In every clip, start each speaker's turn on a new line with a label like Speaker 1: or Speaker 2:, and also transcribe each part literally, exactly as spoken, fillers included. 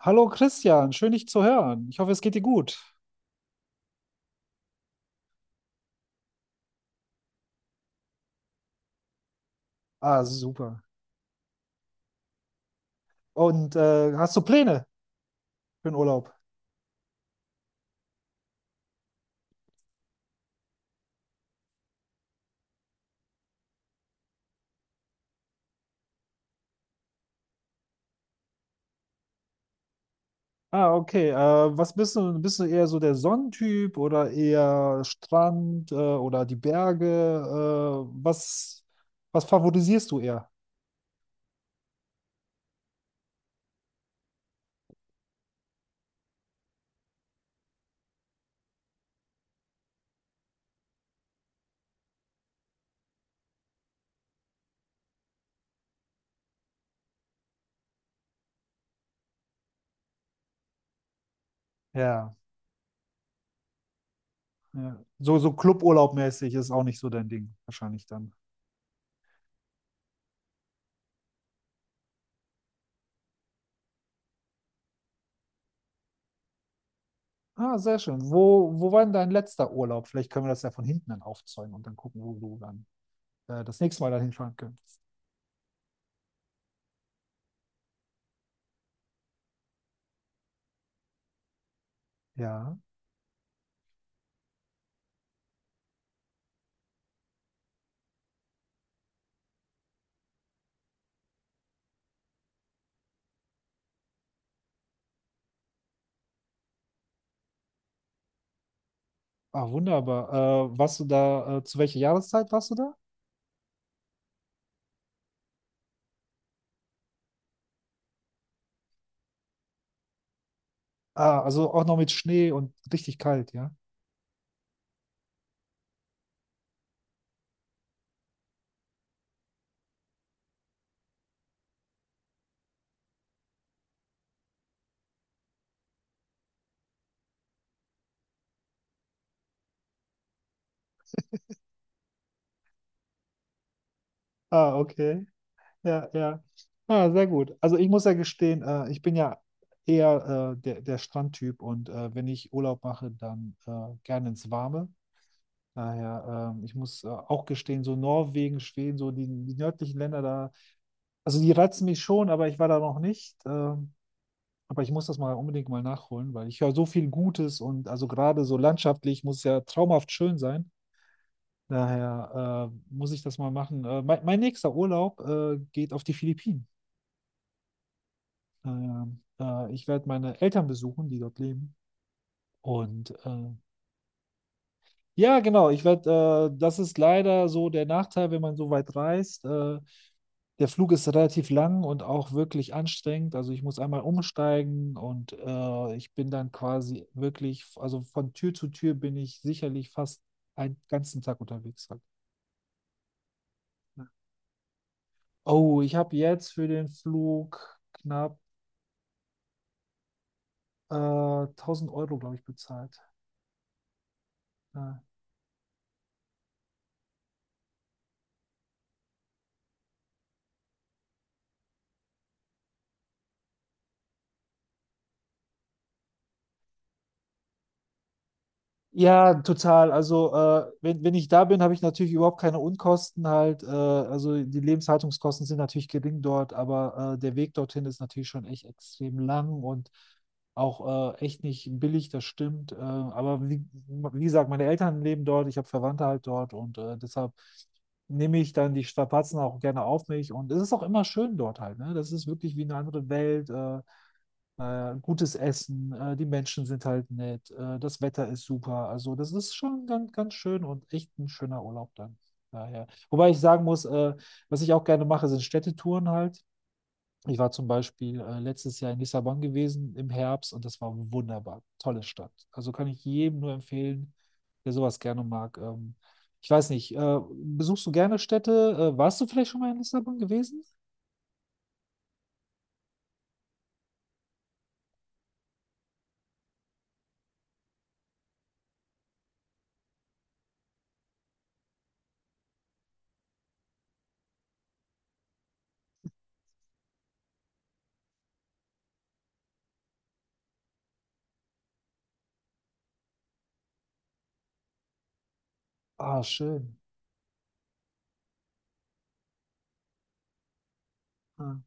Speaker 1: Hallo Christian, schön dich zu hören. Ich hoffe, es geht dir gut. Ah, super. Und äh, hast du Pläne für den Urlaub? Ah, okay. Äh, was bist du? Bist du eher so der Sonnentyp oder eher Strand äh, oder die Berge? Äh, was, was favorisierst du eher? Ja, ja. So, so Cluburlaub-mäßig ist auch nicht so dein Ding, wahrscheinlich dann. Ah, sehr schön. Wo, wo war denn dein letzter Urlaub? Vielleicht können wir das ja von hinten dann aufzäumen und dann gucken, wo du dann äh, das nächste Mal dann hinfahren könntest. Ja. Ah, wunderbar. Äh, warst du da, äh, zu welcher Jahreszeit warst du da? Ah, also auch noch mit Schnee und richtig kalt, ja? Ah, okay. Ja, ja. Ah, sehr gut. Also ich muss ja gestehen, äh, ich bin ja eher äh, der, der Strandtyp und äh, wenn ich Urlaub mache, dann äh, gerne ins Warme. Daher, ähm, ich muss äh, auch gestehen, so Norwegen, Schweden, so die, die nördlichen Länder, da. Also die reizen mich schon, aber ich war da noch nicht. Ähm, aber ich muss das mal unbedingt mal nachholen, weil ich höre so viel Gutes und also gerade so landschaftlich muss es ja traumhaft schön sein. Daher äh, muss ich das mal machen. Äh, mein, mein nächster Urlaub äh, geht auf die Philippinen. Ähm, äh, ich werde meine Eltern besuchen, die dort leben. Und äh, ja, genau, ich werde, äh, das ist leider so der Nachteil, wenn man so weit reist. Äh, Der Flug ist relativ lang und auch wirklich anstrengend. Also ich muss einmal umsteigen und äh, ich bin dann quasi wirklich, also von Tür zu Tür bin ich sicherlich fast einen ganzen Tag unterwegs halt. Ja. Oh, ich habe jetzt für den Flug knapp äh, tausend Euro, glaube ich, bezahlt. Ja. Ja, total. Also, äh, wenn, wenn ich da bin, habe ich natürlich überhaupt keine Unkosten halt. Äh, also, die Lebenshaltungskosten sind natürlich gering dort, aber äh, der Weg dorthin ist natürlich schon echt extrem lang und auch äh, echt nicht billig, das stimmt. Äh, aber wie, wie gesagt, meine Eltern leben dort, ich habe Verwandte halt dort und äh, deshalb nehme ich dann die Strapazen auch gerne auf mich und es ist auch immer schön dort halt. Ne? Das ist wirklich wie eine andere Welt. Äh, äh, gutes Essen, äh, die Menschen sind halt nett, äh, das Wetter ist super. Also das ist schon ganz, ganz schön und echt ein schöner Urlaub dann. Daher. Wobei ich sagen muss, äh, was ich auch gerne mache, sind Städtetouren halt. Ich war zum Beispiel äh, letztes Jahr in Lissabon gewesen im Herbst und das war wunderbar. Tolle Stadt. Also kann ich jedem nur empfehlen, der sowas gerne mag. Ähm, ich weiß nicht, äh, besuchst du gerne Städte? Äh, warst du vielleicht schon mal in Lissabon gewesen? Ah, schön. Ah.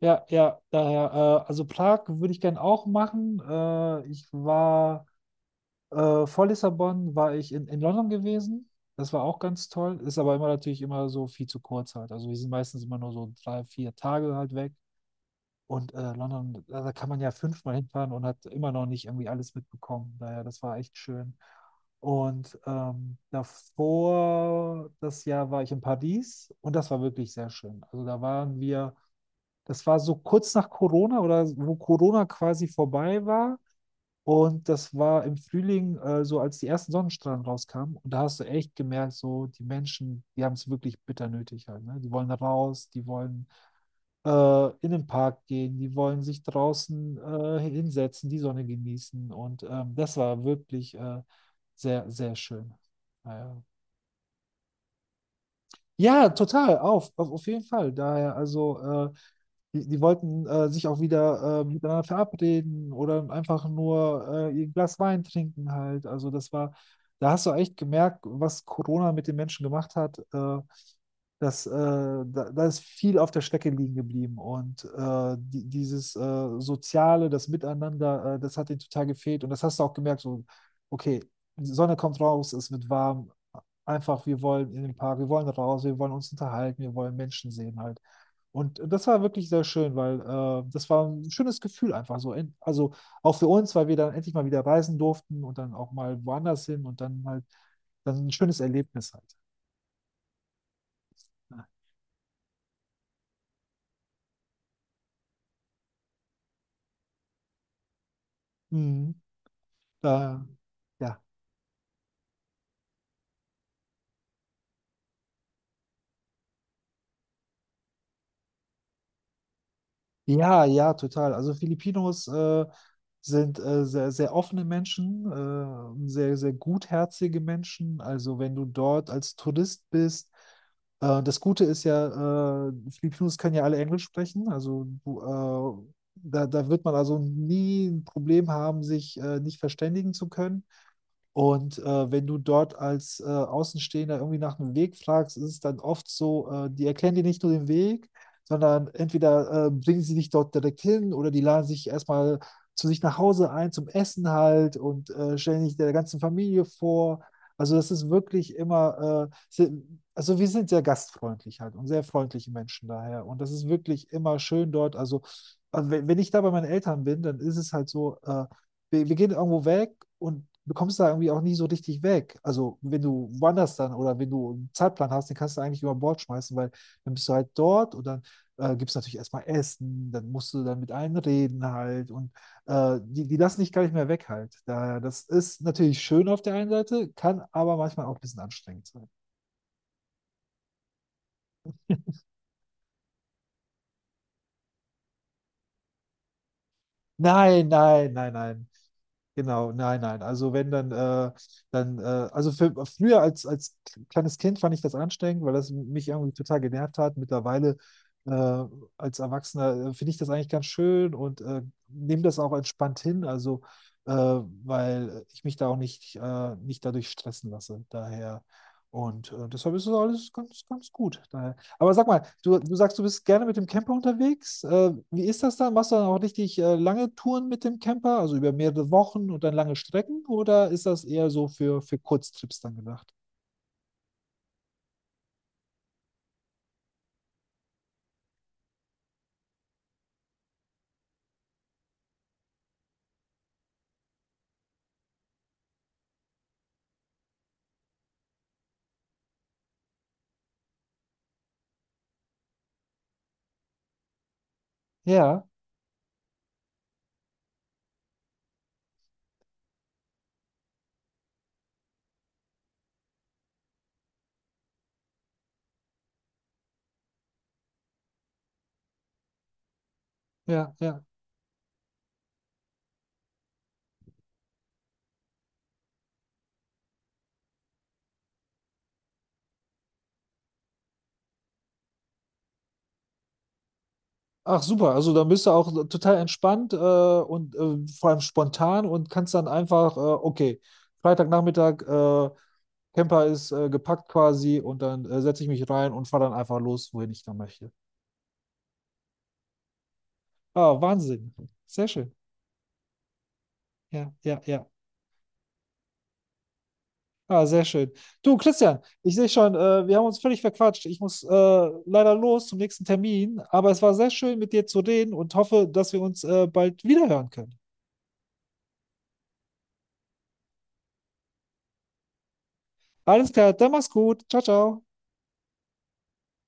Speaker 1: Ja, ja, daher, äh, also Prag würde ich gern auch machen. Äh, ich war äh, vor Lissabon, war ich in, in London gewesen. Das war auch ganz toll. Ist aber immer natürlich immer so viel zu kurz halt. Also wir sind meistens immer nur so drei, vier Tage halt weg. Und äh, London, da da kann man ja fünfmal hinfahren und hat immer noch nicht irgendwie alles mitbekommen. Daher, das war echt schön. Und ähm, davor, das Jahr war ich in Paris und das war wirklich sehr schön. Also da waren wir das war so kurz nach Corona oder wo Corona quasi vorbei war. Und das war im Frühling, äh, so als die ersten Sonnenstrahlen rauskamen. Und da hast du echt gemerkt, so die Menschen, die haben es wirklich bitter nötig halt. Ne? Die wollen raus, die wollen äh, in den Park gehen, die wollen sich draußen äh, hinsetzen, die Sonne genießen. Und ähm, das war wirklich äh, sehr, sehr schön. Naja. Ja, total, auf, auf, auf jeden Fall. Daher, also äh, die, die wollten äh, sich auch wieder äh, miteinander verabreden oder einfach nur äh, ihr Glas Wein trinken halt. Also das war, da hast du echt gemerkt, was Corona mit den Menschen gemacht hat. Äh, das, äh, da, da ist viel auf der Strecke liegen geblieben. Und äh, die, dieses äh, Soziale, das Miteinander, äh, das hat ihnen total gefehlt. Und das hast du auch gemerkt, so, okay, die Sonne kommt raus, es wird warm. Einfach, wir wollen in den Park, wir wollen raus, wir wollen uns unterhalten, wir wollen Menschen sehen halt. Und das war wirklich sehr schön, weil äh, das war ein schönes Gefühl einfach so. En- Also auch für uns, weil wir dann endlich mal wieder reisen durften und dann auch mal woanders hin und dann halt dann ein schönes Erlebnis halt. Ja. Mhm. Äh, ja, ja, ja, total. Also Filipinos äh, sind äh, sehr, sehr offene Menschen, äh, sehr, sehr gutherzige Menschen. Also wenn du dort als Tourist bist, äh, das Gute ist ja, äh, Filipinos können ja alle Englisch sprechen. Also du, äh, da, da wird man also nie ein Problem haben, sich äh, nicht verständigen zu können. Und äh, wenn du dort als äh, Außenstehender irgendwie nach einem Weg fragst, ist es dann oft so, äh, die erklären dir nicht nur den Weg, sondern entweder äh, bringen sie dich dort direkt hin oder die laden sich erstmal zu sich nach Hause ein zum Essen halt und äh, stellen dich der ganzen Familie vor. Also das ist wirklich immer, äh, se- also wir sind sehr gastfreundlich halt und sehr freundliche Menschen daher. Und das ist wirklich immer schön dort. Also, also, wenn, wenn ich da bei meinen Eltern bin, dann ist es halt so, äh, wir, wir gehen irgendwo weg und du kommst da irgendwie auch nie so richtig weg. Also wenn du wanderst dann oder wenn du einen Zeitplan hast, den kannst du eigentlich über Bord schmeißen, weil dann bist du halt dort und dann äh, gibt es natürlich erstmal Essen, dann musst du dann mit allen reden halt und äh, die, die lassen dich gar nicht mehr weg halt. Daher, das ist natürlich schön auf der einen Seite, kann aber manchmal auch ein bisschen anstrengend sein. Nein, nein, nein, nein. Genau, nein, nein. Also wenn dann, äh, dann, äh, also für, Früher als, als kleines Kind fand ich das anstrengend, weil das mich irgendwie total genervt hat. Mittlerweile äh, als Erwachsener äh, finde ich das eigentlich ganz schön und äh, nehme das auch entspannt hin, also äh, weil ich mich da auch nicht, äh, nicht dadurch stressen lasse. Daher und äh, deshalb ist das alles ganz, ganz gut. Daher. Aber sag mal, du, du sagst, du bist gerne mit dem Camper unterwegs. Äh, wie ist das dann? Machst du dann auch richtig äh, lange Touren mit dem Camper, also über mehrere Wochen und dann lange Strecken? Oder ist das eher so für, für Kurztrips dann gedacht? Ja, ja, ja. Ach super, also da bist du auch total entspannt äh, und äh, vor allem spontan und kannst dann einfach, äh, okay, Freitagnachmittag, äh, Camper ist äh, gepackt quasi und dann äh, setze ich mich rein und fahre dann einfach los, wohin ich da möchte. Ah, Wahnsinn. Sehr schön. Ja, ja, ja. Ah, sehr schön. Du, Christian, ich sehe schon, äh, wir haben uns völlig verquatscht. Ich muss äh, leider los zum nächsten Termin, aber es war sehr schön, mit dir zu reden und hoffe, dass wir uns äh, bald wiederhören können. Alles klar, dann mach's gut. Ciao, ciao.